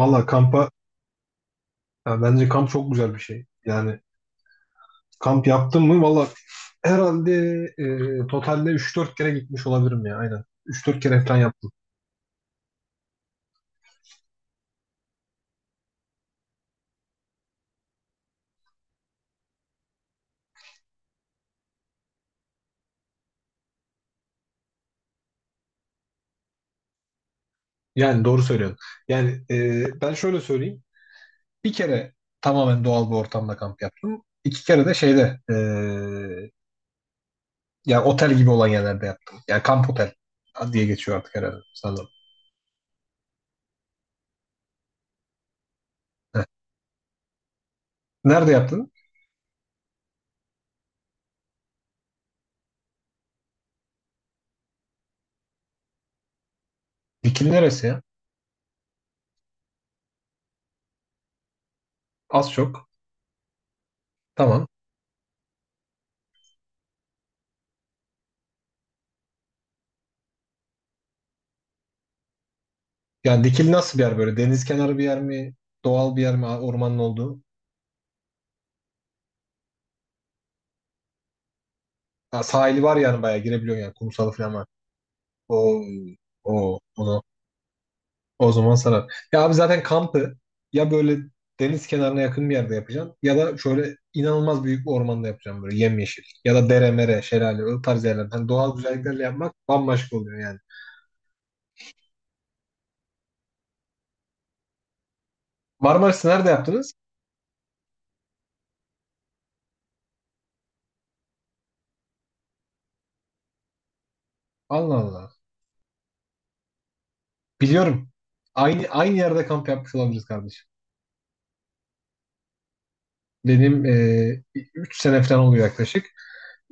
Valla kampa ya bence kamp çok güzel bir şey. Yani kamp yaptım mı valla herhalde totalde 3-4 kere gitmiş olabilirim ya aynen. 3-4 kere falan yaptım. Yani doğru söylüyorsun. Yani ben şöyle söyleyeyim. Bir kere tamamen doğal bir ortamda kamp yaptım. 2 kere de şeyde yani otel gibi olan yerlerde yaptım. Yani kamp otel diye geçiyor artık herhalde sanırım. Heh. Nerede yaptın? Bikini neresi ya? Az çok. Tamam. Yani Dikili nasıl bir yer böyle? Deniz kenarı bir yer mi? Doğal bir yer mi? Ormanın olduğu. Ha, sahili var yani bayağı girebiliyorsun yani. Kumsalı falan var. O o o zaman, o zaman sarar. Ya abi zaten kampı ya böyle deniz kenarına yakın bir yerde yapacağım ya da şöyle inanılmaz büyük bir ormanda yapacağım böyle yemyeşil. Ya da dere mere, şelale o tarz yerler. Hani doğal güzelliklerle yapmak bambaşka oluyor yani. Marmaris'i nerede yaptınız? Allah Allah. Biliyorum. Aynı yerde kamp yapmış olabiliriz kardeşim. Benim 3 sene falan oluyor yaklaşık.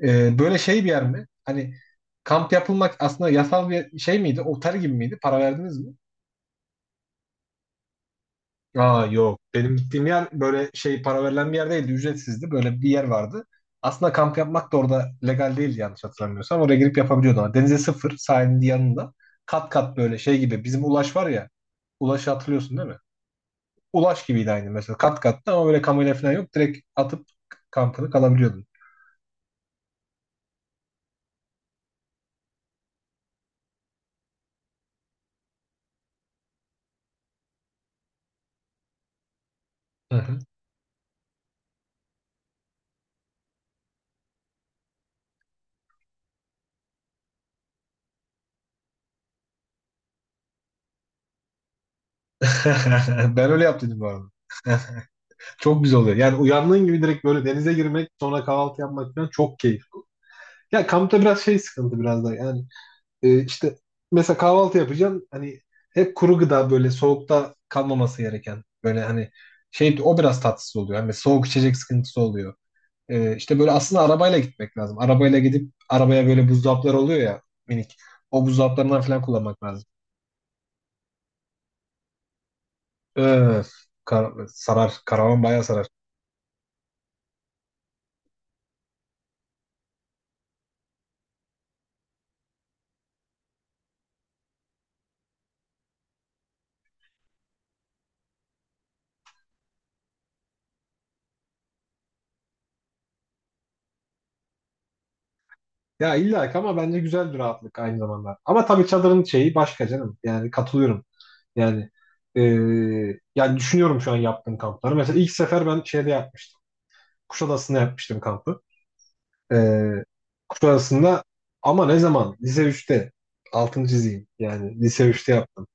Böyle şey bir yer mi? Hani kamp yapılmak aslında yasal bir şey miydi? Otel gibi miydi? Para verdiniz mi? Aa, yok. Benim gittiğim yer böyle şey para verilen bir yer değildi. Ücretsizdi. Böyle bir yer vardı. Aslında kamp yapmak da orada legal değildi yanlış hatırlamıyorsam. Oraya girip yapabiliyordun ama denize sıfır, sahilin yanında. Kat kat böyle şey gibi. Bizim Ulaş var ya. Ulaş'ı hatırlıyorsun değil mi? Ulaş gibiydi aynı mesela. Kat kattı ama böyle kamera falan yok. Direkt atıp kampını kalabiliyordun. Hı hı. Ben öyle yaptım bu arada. Çok güzel oluyor. Yani uyandığın gibi direkt böyle denize girmek, sonra kahvaltı yapmak falan çok keyifli. Ya kampta biraz şey sıkıntı, biraz da yani işte mesela kahvaltı yapacaksın, hani hep kuru gıda böyle soğukta kalmaması gereken, böyle hani şey o biraz tatsız oluyor. Yani mesela soğuk içecek sıkıntısı oluyor. E, işte böyle aslında arabayla gitmek lazım. Arabayla gidip arabaya böyle buzdolaplar oluyor ya, minik. O buzdolaplarından falan kullanmak lazım. Öf, sarar. Karavan bayağı sarar. Ya illa ki ama bence güzel bir rahatlık aynı zamanda. Ama tabii çadırın şeyi başka canım. Yani katılıyorum. Yani e, yani düşünüyorum şu an yaptığım kampları. Mesela ilk sefer ben şeyde yapmıştım. Kuşadası'nda yapmıştım kampı. E, Kuşadası'nda ama ne zaman? Lise üçte altıncı diziyim. Yani lise üçte yaptım.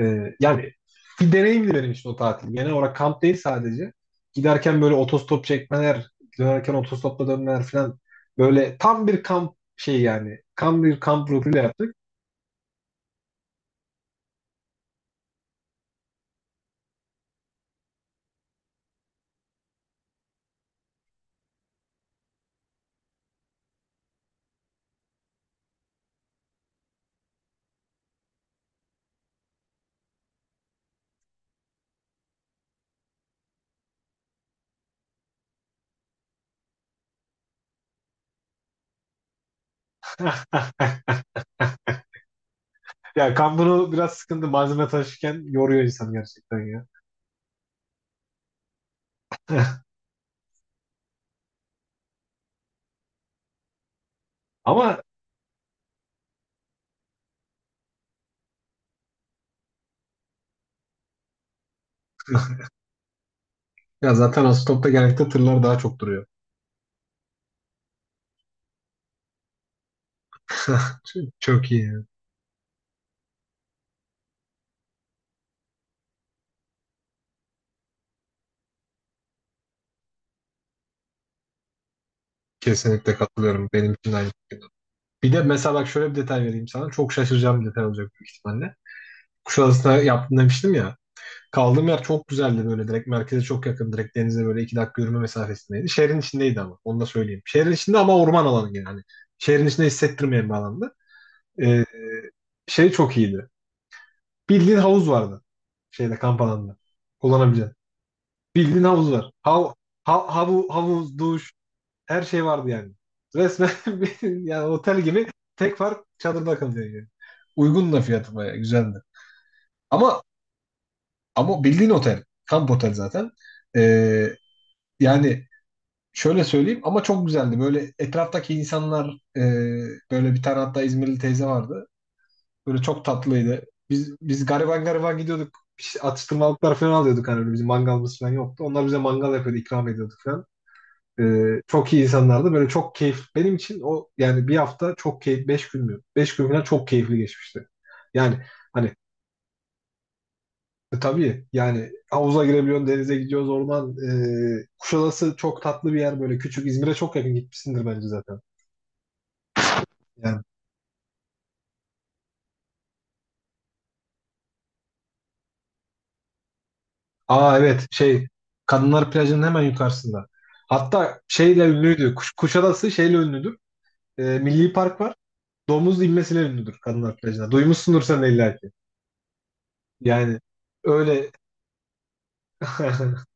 Yani bir deneyimdi benim için o tatil. Genel olarak kamp değil sadece. Giderken böyle otostop çekmeler, dönerken otostopla dönmeler falan. Böyle tam bir kamp şey yani. Tam bir kamp ruhuyla yaptık. Ya kampını biraz sıkıntı. Malzeme taşırken yoruyor insan gerçekten ya. Ama ya zaten otostopta genellikle tırlar daha çok duruyor. Çok iyi, yani. Kesinlikle katılıyorum. Benim için de aynı fikirde. Bir de mesela bak şöyle bir detay vereyim sana. Çok şaşıracağım bir detay olacak büyük ihtimalle. Kuşadası'na yaptım demiştim ya. Kaldığım yer çok güzeldi, böyle direkt merkeze çok yakın, direkt denize böyle 2 dakika yürüme mesafesindeydi. Şehrin içindeydi ama onu da söyleyeyim. Şehrin içinde ama orman alanı yani, hani şehrin içinde hissettirmeyen bir alandı. Ee, şey çok iyiydi. Bildiğin havuz vardı şeyde, kamp alanında kullanabileceğin. Bildiğin havuz var. Havuz, duş, her şey vardı yani. Resmen yani otel gibi, tek fark çadırda kalıyor yani. Uygun da fiyatı bayağı güzeldi. Ama ama bildiğin otel. Kamp otel zaten. Ee, Yani şöyle söyleyeyim, ama çok güzeldi. Böyle etraftaki insanlar, e, böyle bir tane hatta İzmirli teyze vardı. Böyle çok tatlıydı. Biz gariban gariban gidiyorduk. Atıştırmalıklar falan alıyorduk, hani böyle bizim mangalımız falan yoktu. Onlar bize mangal yapıyordu, ikram ediyorduk falan. E, çok iyi insanlardı. Böyle çok keyif. Benim için o yani bir hafta çok keyif. 5 gün mü? 5 gün falan çok keyifli geçmişti. Yani hani tabii yani havuza girebiliyorsun, denize gidiyoruz, orman. Kuşadası çok tatlı bir yer böyle. Küçük, İzmir'e çok yakın, gitmişsindir bence zaten. Yani. Aa evet, şey, Kadınlar Plajı'nın hemen yukarısında. Hatta şeyle ünlüydü. Kuşadası şeyle ünlüdür. Milli Park var. Domuz inmesiyle ünlüdür Kadınlar Plajı'na. Duymuşsundur sen de illa ki. Yani öyle.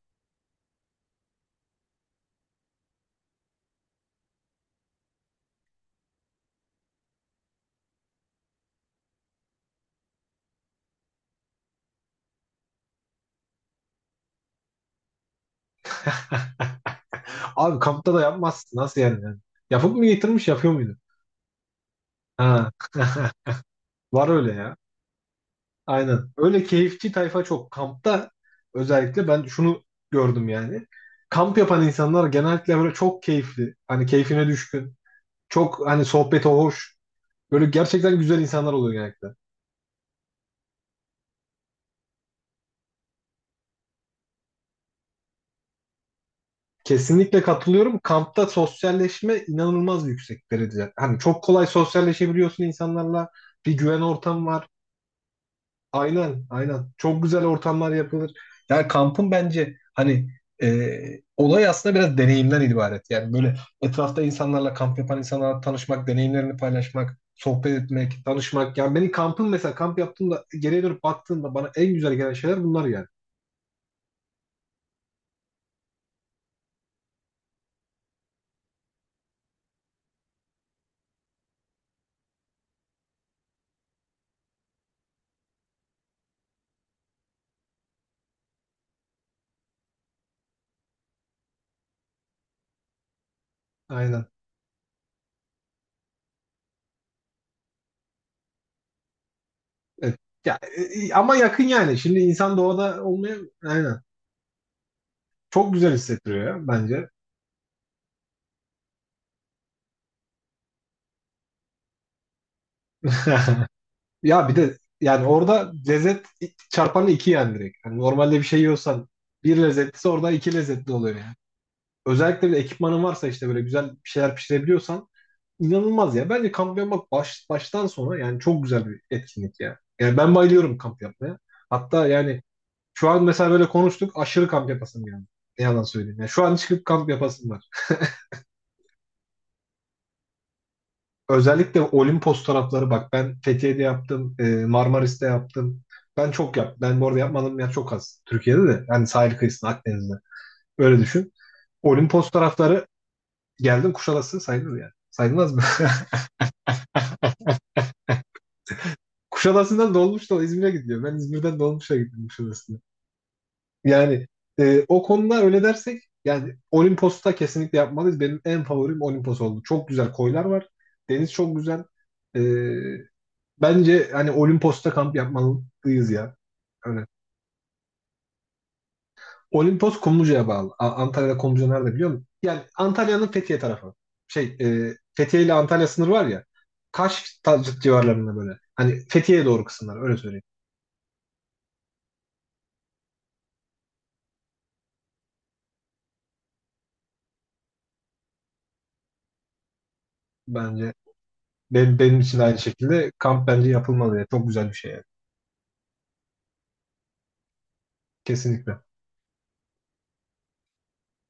Abi kampta da yapmazsın. Nasıl yani? Yani? Yapıp mı getirmiş, yapıyor muydu? Ha. Var öyle ya. Aynen. Öyle keyifçi tayfa çok. Kampta özellikle ben şunu gördüm yani. Kamp yapan insanlar genellikle böyle çok keyifli. Hani keyfine düşkün. Çok hani sohbeti hoş. Böyle gerçekten güzel insanlar oluyor genellikle. Kesinlikle katılıyorum. Kampta sosyalleşme inanılmaz yüksek derece. Hani çok kolay sosyalleşebiliyorsun insanlarla. Bir güven ortamı var. Aynen, aynen. Çok güzel ortamlar yapılır. Yani kampın bence hani e, olay aslında biraz deneyimden ibaret. Yani böyle etrafta insanlarla, kamp yapan insanlarla tanışmak, deneyimlerini paylaşmak, sohbet etmek, tanışmak. Yani beni kampın mesela, kamp yaptığımda geriye dönüp baktığımda bana en güzel gelen şeyler bunlar yani. Aynen. Evet. Ya, ama yakın yani. Şimdi insan doğada olmaya, aynen. Çok güzel hissettiriyor ya bence. Ya bir de yani orada lezzet çarpanı iki yani, direkt. Yani normalde bir şey yiyorsan bir lezzetlisi orada iki lezzetli oluyor yani. Özellikle bir de ekipmanın varsa, işte böyle güzel bir şeyler pişirebiliyorsan, inanılmaz ya. Bence kamp yapmak baştan sona yani çok güzel bir etkinlik ya. Yani ben bayılıyorum kamp yapmaya. Hatta yani şu an mesela böyle konuştuk, aşırı kamp yapasım yani. Ne yalan söyleyeyim. Yani şu an çıkıp kamp yapasım var. Özellikle Olimpos tarafları, bak ben Fethiye'de yaptım, Marmaris'te yaptım. Ben çok yap. Ben bu arada yapmadığım yer çok az. Türkiye'de de yani, sahil kıyısında, Akdeniz'de. Öyle düşün. Olimpos tarafları geldim, Kuşadası sayılır yani. Sayılmaz mı? Kuşadası'ndan dolmuşla İzmir'e gidiyor. Ben İzmir'den dolmuşla gittim Kuşadası'na. Yani o konuda öyle dersek, yani Olimpos'ta kesinlikle yapmalıyız. Benim en favorim Olimpos oldu. Çok güzel koylar var. Deniz çok güzel. E, Bence hani Olimpos'ta kamp yapmalıyız ya. Öyle. Olimpos Kumluca'ya bağlı. Antalya'da Kumluca nerede biliyor musun? Yani Antalya'nın Fethiye tarafı. Şey, Fethiye ile Antalya sınırı var ya. Kaş civarlarında böyle. Hani Fethiye'ye doğru kısımlar, öyle söyleyeyim. Bence benim için de aynı şekilde kamp bence yapılmalı ya. Çok güzel bir şey yani. Kesinlikle.